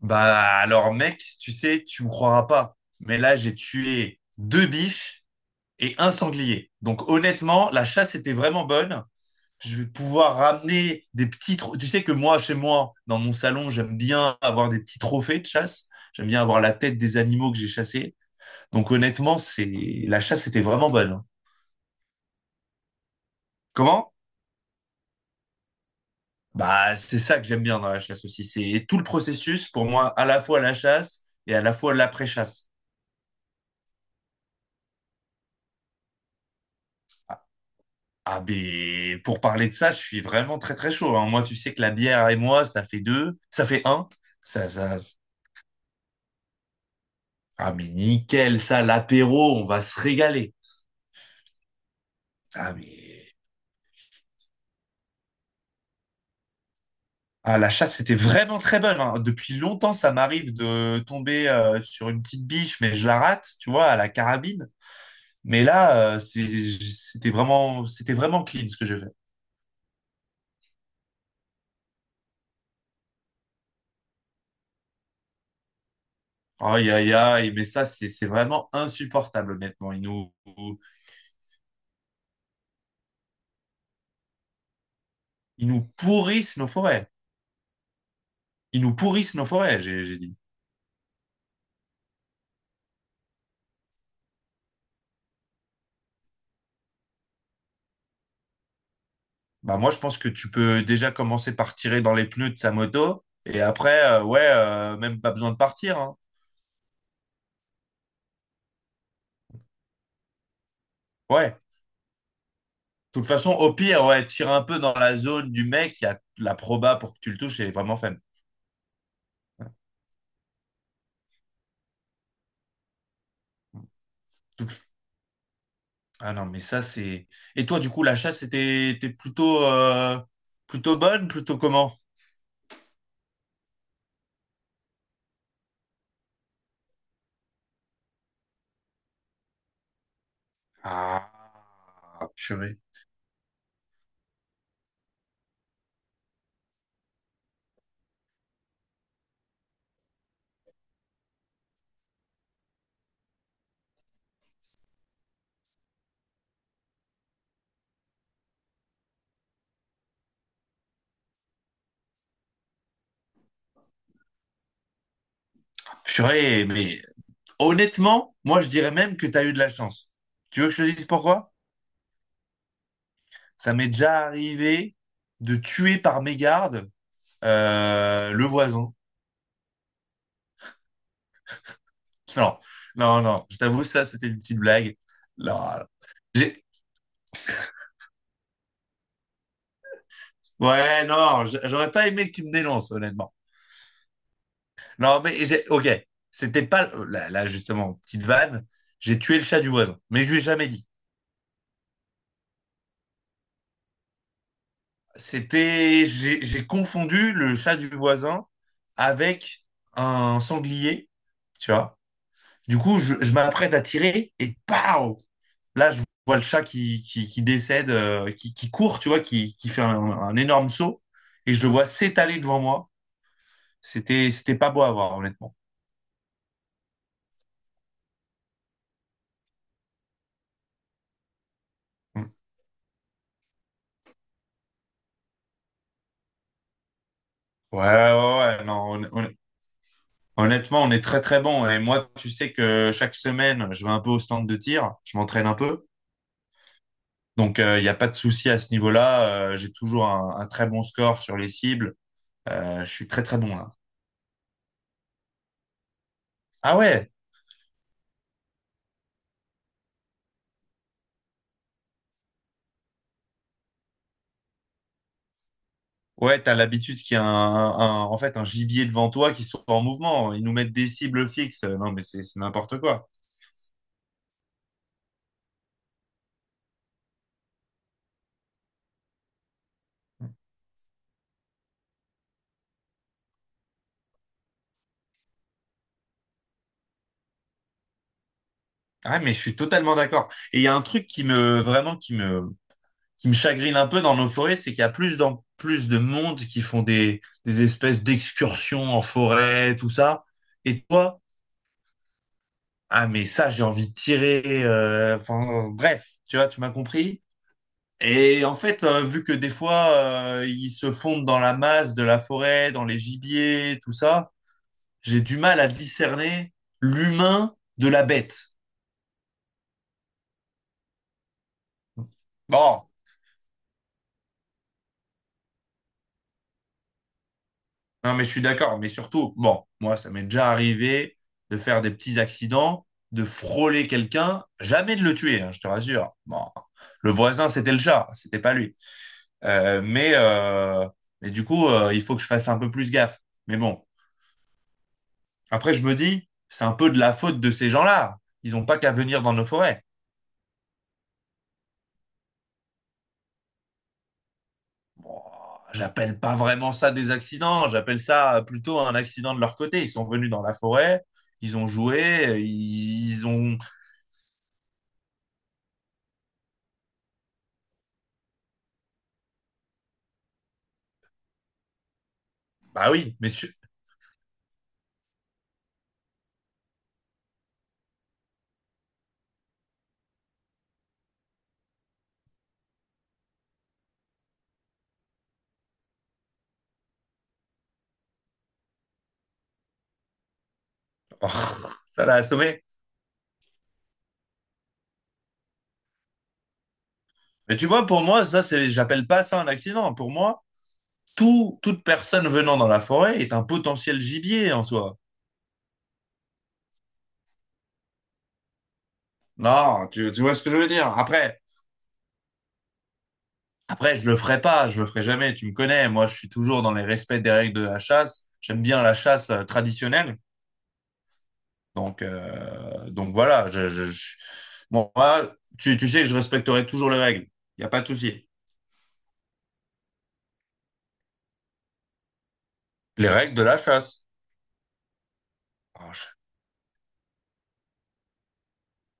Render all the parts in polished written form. Bah alors mec, tu sais, tu me croiras pas, mais là j'ai tué deux biches et un sanglier. Donc honnêtement, la chasse était vraiment bonne. Je vais pouvoir ramener des petits... Tu sais que moi, chez moi, dans mon salon, j'aime bien avoir des petits trophées de chasse. J'aime bien avoir la tête des animaux que j'ai chassés. Donc honnêtement, c'est la chasse était vraiment bonne, hein. Comment? Bah c'est ça que j'aime bien dans la chasse aussi. C'est tout le processus pour moi, à la fois la chasse et à la fois l'après-chasse. Ah ben, pour parler de ça, je suis vraiment très très chaud, hein. Moi, tu sais que la bière et moi, ça fait deux, ça fait un. Ça, ah mais nickel, ça, l'apéro, on va se régaler. Ah mais, ah la chasse, c'était vraiment très bonne, hein. Depuis longtemps, ça m'arrive de tomber sur une petite biche, mais je la rate, tu vois, à la carabine. Mais là, c'était vraiment clean ce que j'ai fait. Aïe aïe aïe, mais ça, c'est vraiment insupportable, honnêtement. Ils nous pourrissent nos forêts. Ils nous pourrissent nos forêts, j'ai dit. Bah moi, je pense que tu peux déjà commencer par tirer dans les pneus de sa moto et après, ouais, même pas besoin de partir, hein. Ouais. De toute façon, au pire, ouais, tire un peu dans la zone du mec, il y a la proba pour que tu le touches, elle est vraiment faible. Tout- Ah non, mais ça, c'est. Et toi, du coup, la chasse était, était plutôt, plutôt bonne, plutôt comment? Ah, purée. Purée, mais honnêtement, moi, je dirais même que tu as eu de la chance. Tu veux que je te dise pourquoi? Ça m'est déjà arrivé de tuer par mégarde le voisin. Non, non, non. Je t'avoue, ça, c'était une petite blague. Non, non. J'ai- Ouais, non, j'aurais pas aimé qu'il me dénonce, honnêtement. Non, mais j'ai... Ok, c'était pas... Là, là, justement, petite vanne, j'ai tué le chat du voisin, mais je lui ai jamais dit. C'était... J'ai confondu le chat du voisin avec un sanglier, tu vois. Du coup, je m'apprête à tirer et paf. Là, je vois le chat qui décède, qui court, tu vois, qui fait un énorme saut. Et je le vois s'étaler devant moi. C'était pas beau à voir, honnêtement. Mm. Ouais, ouais, ouais, non, honnêtement, on est très, très bon. Et moi, tu sais que chaque semaine, je vais un peu au stand de tir. Je m'entraîne un peu. Donc, il n'y a pas de souci à ce niveau-là. J'ai toujours un très bon score sur les cibles. Je suis très, très bon là. Ah ouais. Ouais, t'as l'habitude qu'il y a en fait, un gibier devant toi qui soit en mouvement. Ils nous mettent des cibles fixes. Non, mais c'est n'importe quoi. Ah, mais je suis totalement d'accord. Et il y a un truc qui me, vraiment, qui me chagrine un peu dans nos forêts, c'est qu'il y a plus de monde qui font des espèces d'excursions en forêt, tout ça. Et toi, ah, mais ça, j'ai envie de tirer, enfin, bref, tu vois, tu m'as compris? Et en fait, vu que des fois, ils se fondent dans la masse de la forêt, dans les gibiers, tout ça, j'ai du mal à discerner l'humain de la bête. Bon, non, mais je suis d'accord, mais surtout, bon, moi, ça m'est déjà arrivé de faire des petits accidents, de frôler quelqu'un, jamais de le tuer, hein, je te rassure. Bon, le voisin, c'était le chat, c'était pas lui. Euh, mais, euh, mais du coup, il faut que je fasse un peu plus gaffe. Mais bon. Après, je me dis, c'est un peu de la faute de ces gens-là. Ils n'ont pas qu'à venir dans nos forêts. Bon, j'appelle pas vraiment ça des accidents, j'appelle ça plutôt un accident de leur côté. Ils sont venus dans la forêt, ils ont joué, ils ont... Bah oui, messieurs, oh, ça l'a assommé. Mais tu vois, pour moi, ça, c'est, j'appelle pas ça un accident. Pour moi, tout, toute personne venant dans la forêt est un potentiel gibier en soi. Non, tu vois ce que je veux dire. Après, après, je le ferai pas, je le ferai jamais, tu me connais. Moi, je suis toujours dans les respects des règles de la chasse. J'aime bien la chasse traditionnelle. Donc voilà, bon, moi, tu sais que je respecterai toujours les règles. Il n'y a pas de souci. Les règles de la chasse. Ah, je-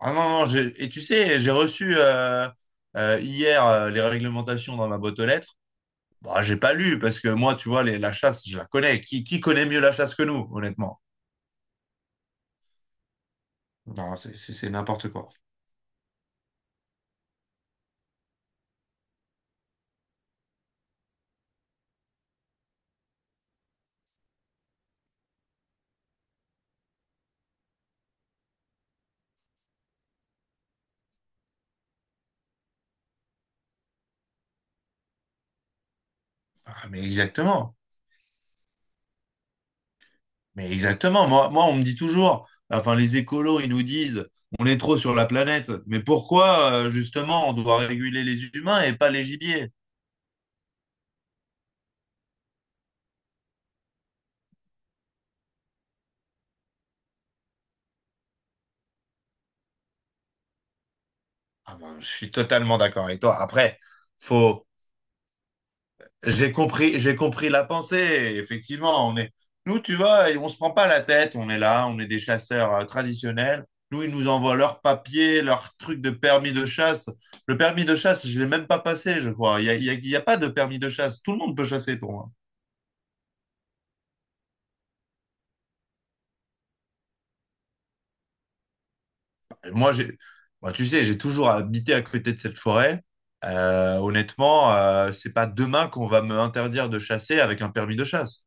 ah non, non, et tu sais, j'ai reçu hier les réglementations dans ma boîte aux lettres. Bah, j'ai pas lu parce que moi, tu vois, la chasse, je la connais. Qui connaît mieux la chasse que nous, honnêtement? Non, c'est n'importe quoi. Ah, mais exactement. Mais exactement, moi, moi, on me dit toujours, enfin les écolos, ils nous disent, on est trop sur la planète, mais pourquoi justement on doit réguler les humains et pas les gibiers? Ah ben, je suis totalement d'accord avec toi. Après, faut, j'ai compris la pensée. Effectivement, on est, nous, tu vois, et on se prend pas la tête, on est là, on est des chasseurs traditionnels. Nous, ils nous envoient leurs papiers, leurs trucs de permis de chasse. Le permis de chasse, je l'ai même pas passé, je crois. Il y a, il y a pas de permis de chasse. Tout le monde peut chasser pour moi. Moi, j'ai, moi, tu sais, j'ai toujours habité à côté de cette forêt. Honnêtement, c'est pas demain qu'on va me interdire de chasser avec un permis de chasse.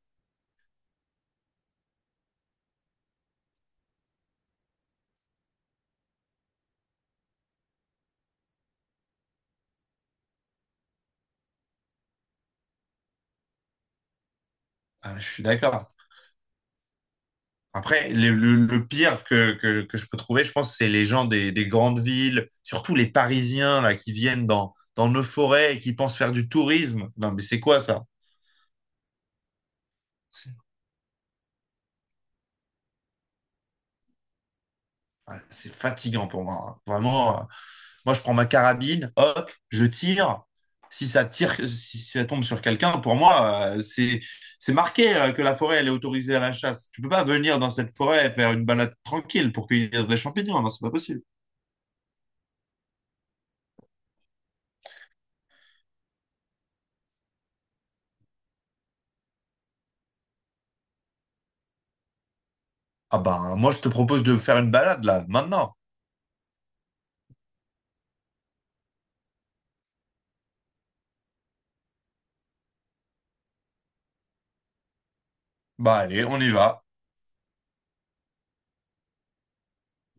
Ah, je suis d'accord. Après, le pire que je peux trouver, je pense, c'est les gens des grandes villes, surtout les Parisiens là, qui viennent dans nos forêts et qui pensent faire du tourisme. Non, mais c'est quoi ça? C'est ouais, c'est fatigant pour moi, hein. Vraiment, moi, je prends ma carabine, hop, je tire. Si ça tire, si ça tombe sur quelqu'un, pour moi, c'est marqué que la forêt, elle est autorisée à la chasse. Tu peux pas venir dans cette forêt et faire une balade tranquille pour cueillir des champignons. Non, c'est pas possible. Ah ben, moi, je te propose de faire une balade là, maintenant. Bah allez, on y va.